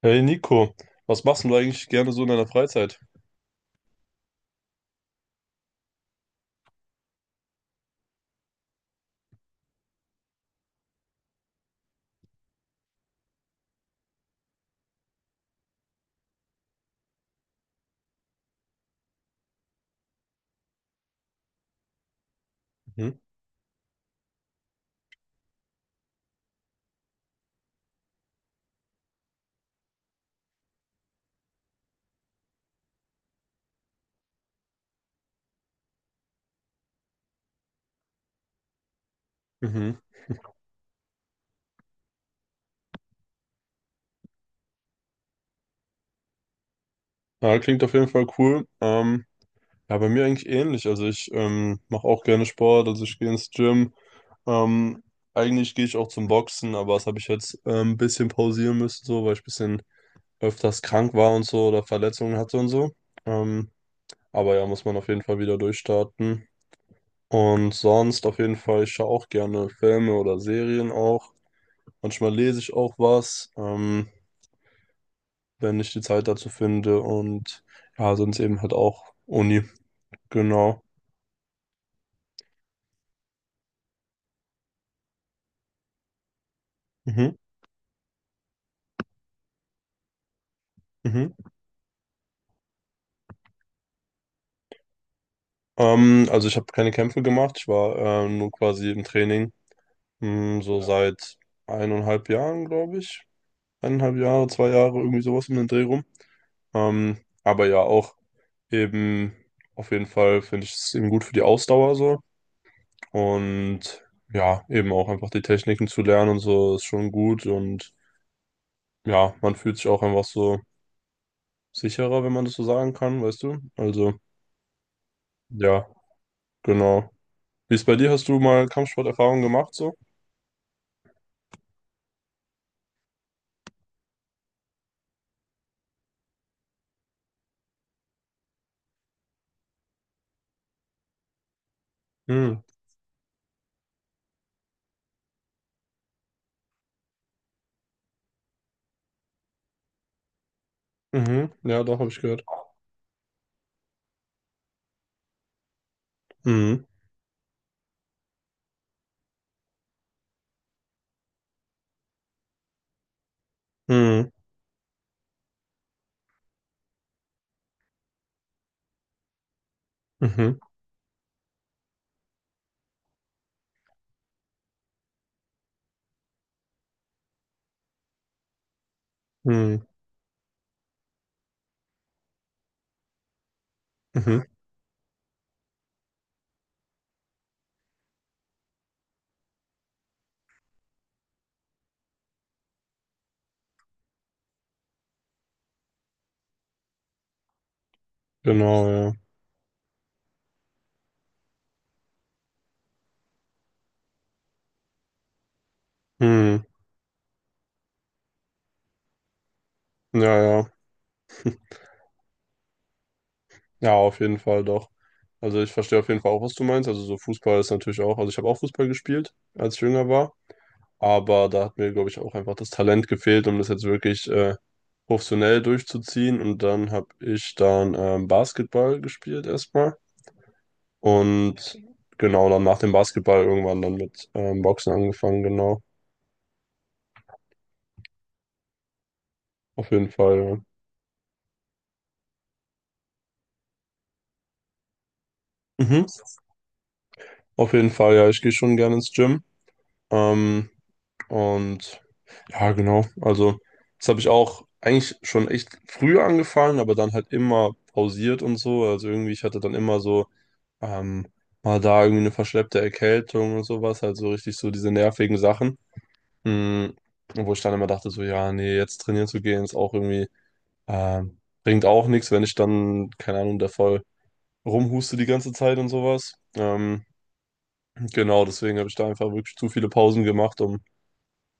Hey Nico, was machst denn du eigentlich gerne so in deiner Freizeit? Mhm. Mhm. Ja, klingt auf jeden Fall cool. Ja, bei mir eigentlich ähnlich. Also ich mache auch gerne Sport, also ich gehe ins Gym. Ähm, eigentlich gehe ich auch zum Boxen, aber das habe ich jetzt ein bisschen pausieren müssen, so, weil ich ein bisschen öfters krank war und so oder Verletzungen hatte und so. Ähm, aber ja, muss man auf jeden Fall wieder durchstarten. Und sonst auf jeden Fall, ich schaue auch gerne Filme oder Serien auch. Manchmal lese ich auch was, wenn ich die Zeit dazu finde. Und ja, sonst eben halt auch Uni. Genau. Mhm. Mhm. Also ich habe keine Kämpfe gemacht, ich war nur quasi im Training. Hm, so ja, seit 1,5 Jahren, glaube ich. 1,5 Jahre, 2 Jahre, irgendwie sowas um den Dreh rum. Ähm, aber ja, auch eben, auf jeden Fall finde ich es eben gut für die Ausdauer so. Und ja, eben auch einfach die Techniken zu lernen und so ist schon gut. Und ja, man fühlt sich auch einfach so sicherer, wenn man das so sagen kann, weißt du? Also, ja, genau. Wie ist bei dir? Hast du mal Kampfsporterfahrung gemacht so? Hm. Mhm. Ja, doch, habe ich gehört. Mhm. Mhm. Mhm. Mhm. Mhm. Genau, ja. Hm. Ja, ja. Ja, auf jeden Fall doch. Also ich verstehe auf jeden Fall auch, was du meinst. Also so Fußball ist natürlich auch, also ich habe auch Fußball gespielt, als ich jünger war, aber da hat mir, glaube ich, auch einfach das Talent gefehlt, um das jetzt wirklich professionell durchzuziehen. Und dann habe ich dann Basketball gespielt erstmal. Und genau, dann nach dem Basketball irgendwann dann mit Boxen angefangen, genau. Auf jeden Fall, ja. Mhm. Auf jeden Fall, ja, ich gehe schon gerne ins Gym. Ähm, und ja, genau. Also, das habe ich auch eigentlich schon echt früh angefangen, aber dann halt immer pausiert und so. Also irgendwie, ich hatte dann immer so ähm, mal da irgendwie eine verschleppte Erkältung und sowas, halt so richtig so diese nervigen Sachen. Mm, Wo ich dann immer dachte, so, ja, nee, jetzt trainieren zu gehen, ist auch irgendwie, ähm, bringt auch nichts, wenn ich dann, keine Ahnung, da voll rumhuste die ganze Zeit und sowas. Genau, deswegen habe ich da einfach wirklich zu viele Pausen gemacht, um,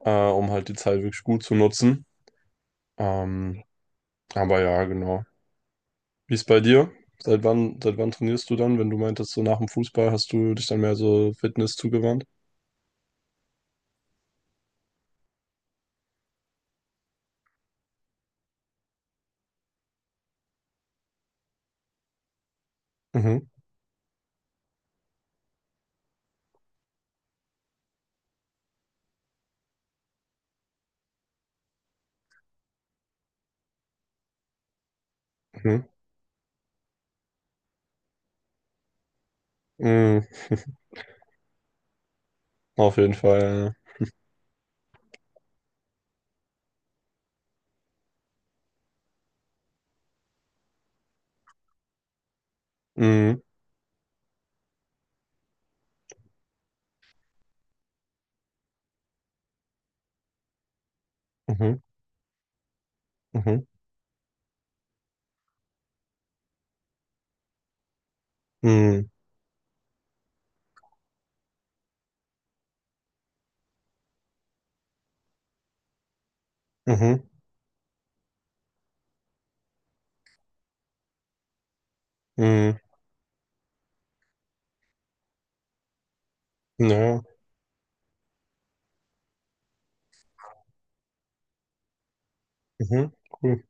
äh, um halt die Zeit wirklich gut zu nutzen. Ähm, Aber ja, genau. Wie ist bei dir? Seit wann trainierst du dann? Wenn du meintest, so nach dem Fußball hast du dich dann mehr so Fitness zugewandt? Mhm, mhm, mhm. Auf jeden Fall, ja. Mhm, mhm, mhm, mhm, mhm, mhm. Ja, mhm, cool.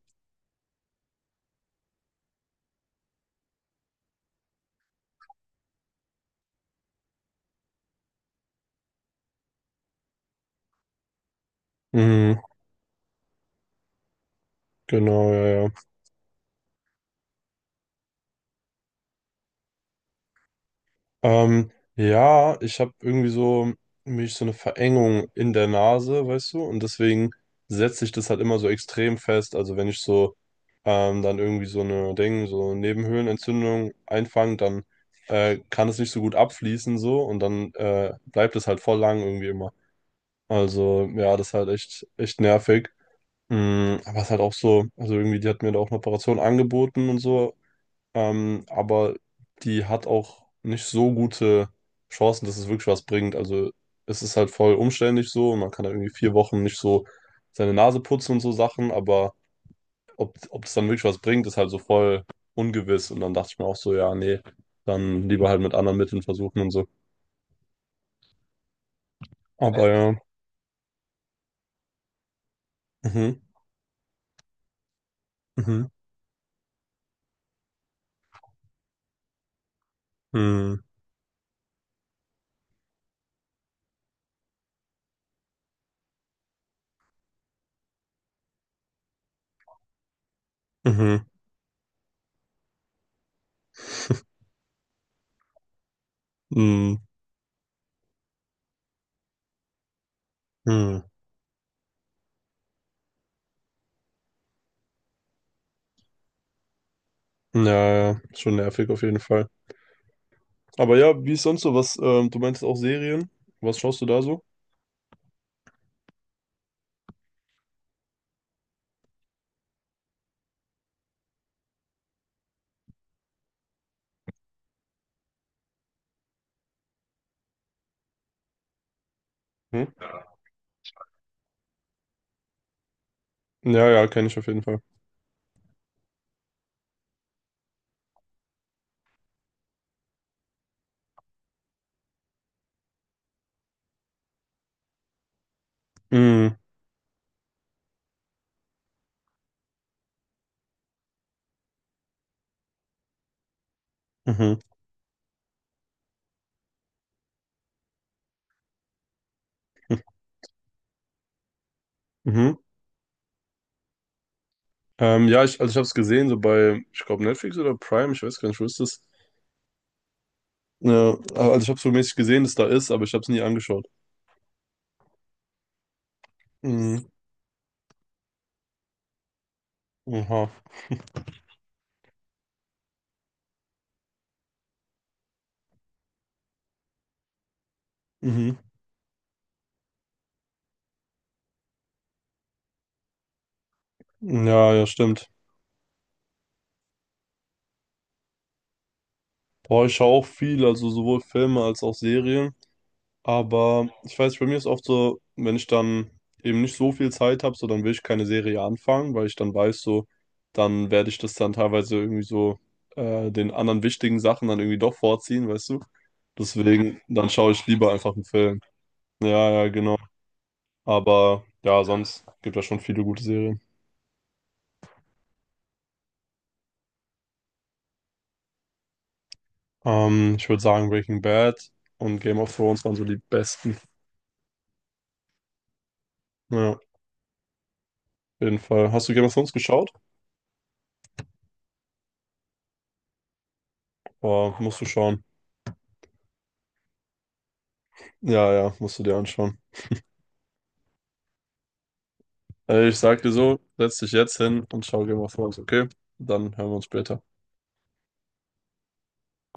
Mhm, genau, ja, ja. Ja, ich habe irgendwie so mich so eine Verengung in der Nase, weißt du? Und deswegen setze ich das halt immer so extrem fest. Also wenn ich so dann irgendwie so eine Ding, so Nebenhöhlenentzündung einfangen, dann kann es nicht so gut abfließen so und dann bleibt es halt voll lang irgendwie immer. Also ja, das ist halt echt, echt nervig. Aber es ist halt auch so, also irgendwie, die hat mir da auch eine Operation angeboten und so, aber die hat auch nicht so gute Chancen, dass es wirklich was bringt. Also es ist halt voll umständlich so und man kann da irgendwie 4 Wochen nicht so seine Nase putzen und so Sachen, aber ob das dann wirklich was bringt, ist halt so voll ungewiss. Und dann dachte ich mir auch so, ja, nee, dann lieber halt mit anderen Mitteln versuchen und so. Ja. Aber ja. Mhm. Mhm. Mhm. Mhm. Mhm. Mhm. Ja, ja, ja, schon nervig auf jeden Fall. Aber ja, wie ist sonst so was? Du meinst auch Serien? Was schaust du da so? Hm? Ja, ja, kenne ich auf jeden Fall. Mhm. Mhm. Mhm. Mhm. Ja, also ich habe es gesehen, so bei, ich glaube, Netflix oder Prime, ich weiß gar nicht, wo ist das? Ja, also ich habe so mäßig gesehen, dass da ist, aber ich habe es nie angeschaut. Mhm. Aha. Mhm. Ja, ja, stimmt. Boah, ich schaue auch viel, also sowohl Filme als auch Serien. Aber ich weiß, bei mir ist oft so, wenn ich dann eben nicht so viel Zeit habe, so dann will ich keine Serie anfangen, weil ich dann weiß, so, dann werde ich das dann teilweise irgendwie so den anderen wichtigen Sachen dann irgendwie doch vorziehen, weißt du? Deswegen, dann schaue ich lieber einfach einen Film. Ja, ja, genau. Aber ja, sonst gibt es schon viele gute Serien. Ich würde sagen, Breaking Bad und Game of Thrones waren so die besten. Ja, auf jeden Fall. Hast du Game of Thrones geschaut? Boah, musst du schauen. Ja, ja, musst du dir anschauen. Also ich sag dir so, setz dich jetzt hin und schau Game of Thrones, okay? Dann hören wir uns später.